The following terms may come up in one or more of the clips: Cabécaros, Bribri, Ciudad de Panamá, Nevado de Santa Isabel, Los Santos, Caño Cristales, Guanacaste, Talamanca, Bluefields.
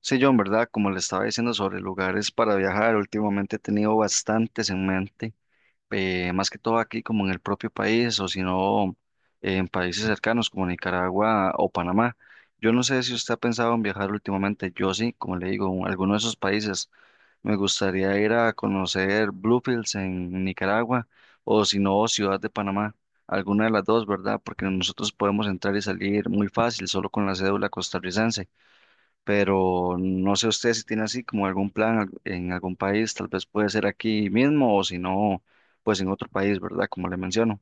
Sí, John, ¿verdad? Como le estaba diciendo sobre lugares para viajar, últimamente he tenido bastantes en mente, más que todo aquí como en el propio país o si no en países cercanos como Nicaragua o Panamá. Yo no sé si usted ha pensado en viajar últimamente, yo sí, como le digo, en alguno de esos países. Me gustaría ir a conocer Bluefields en Nicaragua o si no Ciudad de Panamá, alguna de las dos, ¿verdad? Porque nosotros podemos entrar y salir muy fácil solo con la cédula costarricense, pero no sé usted si tiene así como algún plan en algún país, tal vez puede ser aquí mismo o si no, pues en otro país, ¿verdad? Como le menciono.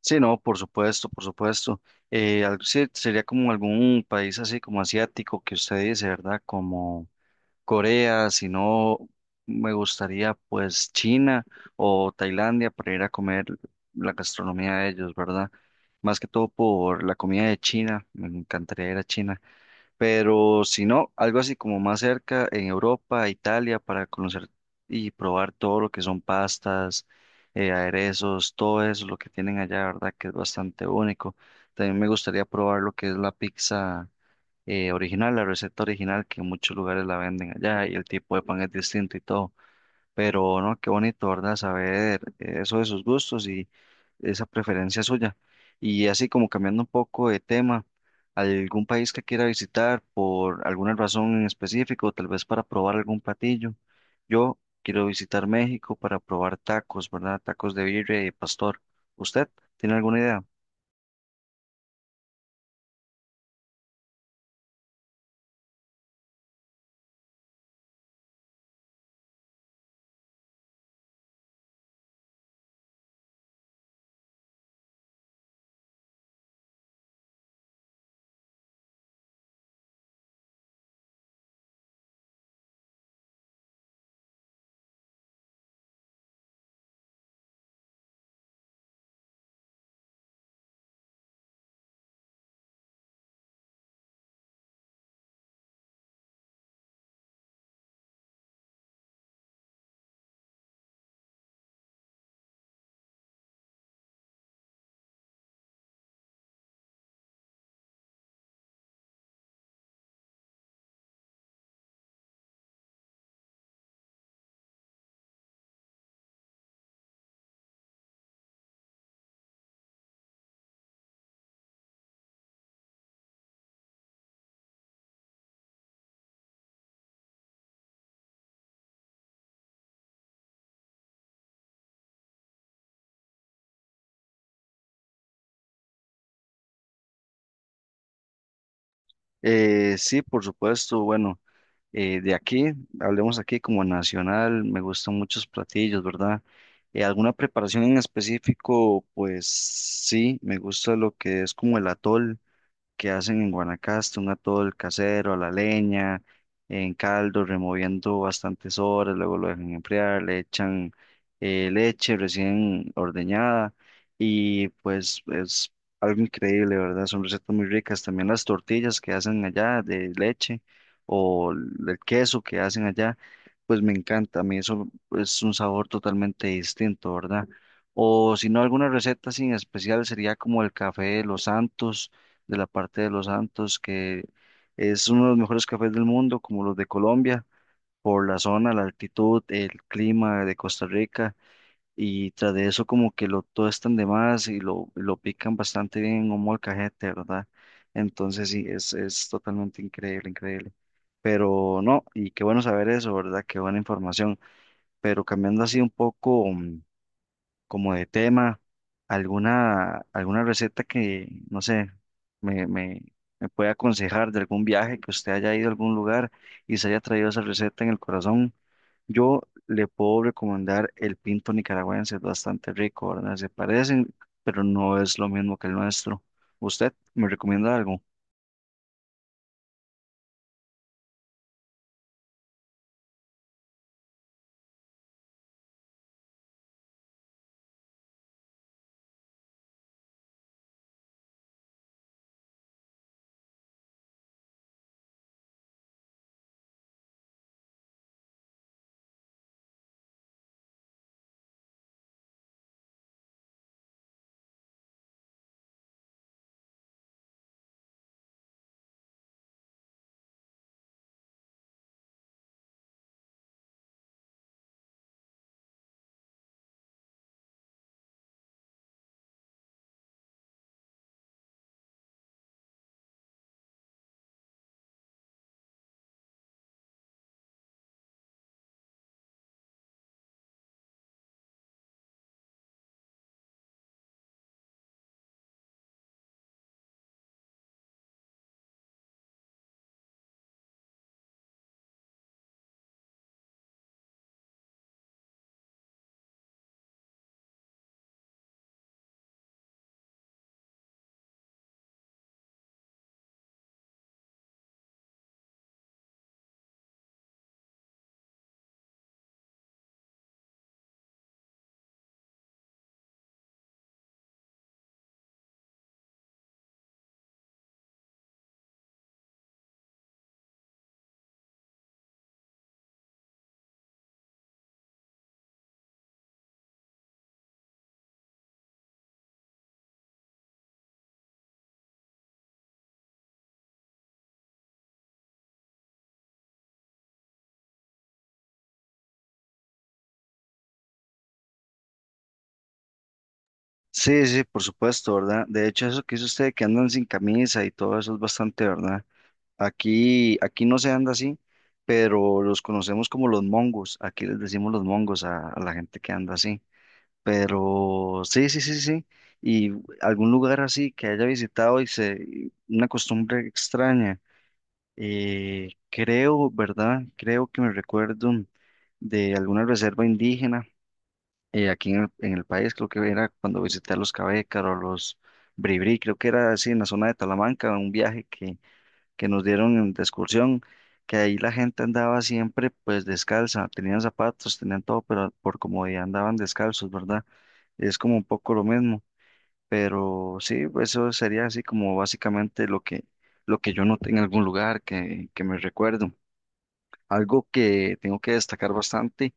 Sí, no, por supuesto, por supuesto. Sí, sería como algún país así como asiático que usted dice, ¿verdad? Como Corea, si no, me gustaría pues China o Tailandia para ir a comer la gastronomía de ellos, ¿verdad? Más que todo por la comida de China, me encantaría ir a China. Pero si no, algo así como más cerca en Europa, Italia, para conocer y probar todo lo que son pastas, aderezos, todo eso, lo que tienen allá, ¿verdad? Que es bastante único. También me gustaría probar lo que es la pizza original, la receta original, que en muchos lugares la venden allá y el tipo de pan es distinto y todo. Pero no, qué bonito, ¿verdad? Saber eso de sus gustos y esa preferencia suya. Y así como cambiando un poco de tema, algún país que quiera visitar por alguna razón en específico, tal vez para probar algún platillo. Yo quiero visitar México para probar tacos, ¿verdad? Tacos de birria y pastor. ¿Usted tiene alguna idea? Sí, por supuesto. Bueno, de aquí, hablemos aquí como nacional, me gustan muchos platillos, ¿verdad? ¿Alguna preparación en específico? Pues sí, me gusta lo que es como el atol que hacen en Guanacaste, un atol casero a la leña, en caldo, removiendo bastantes horas, luego lo dejan enfriar, le echan leche recién ordeñada y pues es algo increíble, ¿verdad? Son recetas muy ricas. También las tortillas que hacen allá de leche o el queso que hacen allá, pues me encanta, a mí eso es un sabor totalmente distinto, ¿verdad? O si no, alguna receta sin especial sería como el café de los Santos de la parte de Los Santos, que es uno de los mejores cafés del mundo, como los de Colombia, por la zona, la altitud, el clima de Costa Rica, y tras de eso como que lo tostan de más y lo pican bastante bien en un molcajete, ¿verdad? Entonces sí, es totalmente increíble, increíble. Pero no, y qué bueno saber eso, ¿verdad? Qué buena información. Pero cambiando así un poco como de tema, alguna receta que, no sé, me, me, me pueda aconsejar de algún viaje que usted haya ido a algún lugar y se haya traído esa receta en el corazón. Yo le puedo recomendar el pinto nicaragüense, es bastante rico, ¿verdad? Se parecen, pero no es lo mismo que el nuestro. ¿Usted me recomienda algo? Sí, sí, por supuesto, ¿verdad? De hecho, eso que hizo usted, que andan sin camisa y todo eso es bastante, ¿verdad? Aquí no se anda así, pero los conocemos como los mongos. Aquí les decimos los mongos a la gente que anda así. Pero sí, sí, sí, sí. Y algún lugar así que haya visitado y se, y una costumbre extraña. Creo, ¿verdad? Creo que me recuerdo de alguna reserva indígena aquí en en el país. Creo que era cuando visité a los Cabécaros, los Bribri, creo que era así en la zona de Talamanca, un viaje que nos dieron de excursión, que ahí la gente andaba siempre pues descalza, tenían zapatos, tenían todo, pero por comodidad andaban descalzos, ¿verdad? Es como un poco lo mismo, pero sí, pues, eso sería así como básicamente lo lo que yo noté en algún lugar que me recuerdo. Algo que tengo que destacar bastante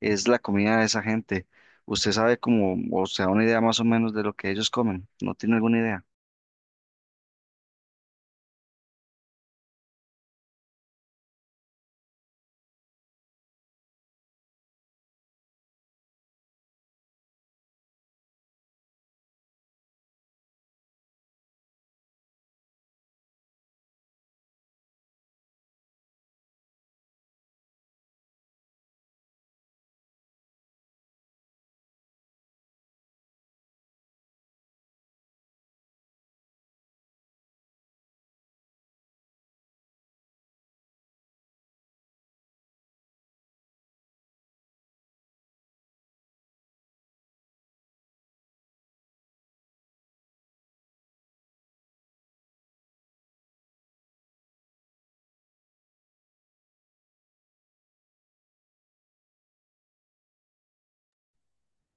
es la comida de esa gente. ¿Usted sabe cómo, o se da una idea más o menos de lo que ellos comen? ¿No tiene alguna idea?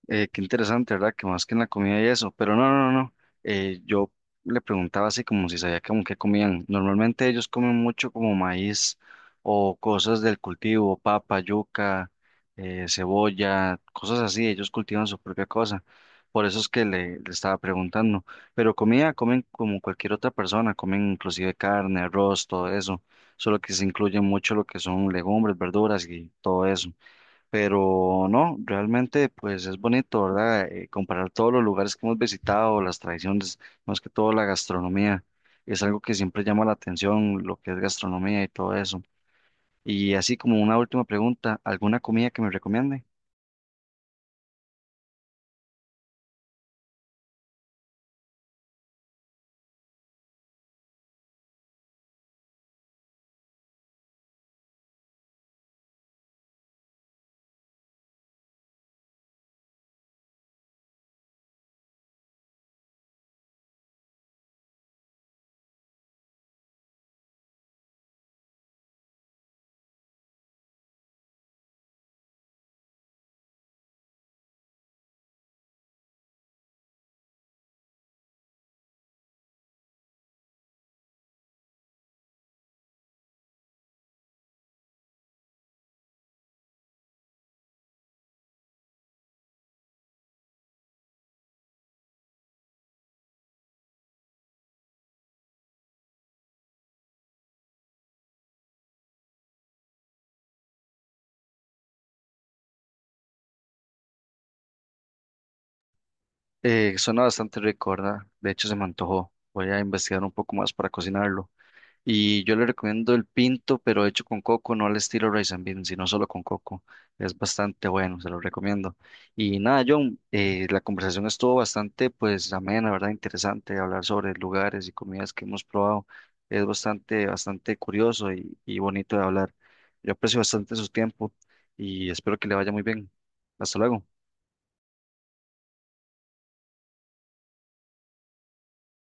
Qué interesante, ¿verdad? Que más que en la comida y eso. Pero no, no, no. No. Yo le preguntaba así como si sabía como qué comían. Normalmente ellos comen mucho como maíz o cosas del cultivo, papa, yuca, cebolla, cosas así. Ellos cultivan su propia cosa. Por eso es que le estaba preguntando. Pero comida comen como cualquier otra persona. Comen inclusive carne, arroz, todo eso. Solo que se incluye mucho lo que son legumbres, verduras y todo eso. Pero no, realmente pues es bonito, ¿verdad? Comparar todos los lugares que hemos visitado, las tradiciones, más que todo la gastronomía, es algo que siempre llama la atención, lo que es gastronomía y todo eso. Y así como una última pregunta, ¿alguna comida que me recomiende? Suena bastante rico, ¿verdad? De hecho se me antojó. Voy a investigar un poco más para cocinarlo. Y yo le recomiendo el pinto, pero hecho con coco, no al estilo rice and bean, sino solo con coco. Es bastante bueno, se lo recomiendo. Y nada, John, la conversación estuvo bastante, pues, amena, ¿verdad? Interesante hablar sobre lugares y comidas que hemos probado. Es bastante, bastante curioso y bonito de hablar. Yo aprecio bastante su tiempo y espero que le vaya muy bien. Hasta luego.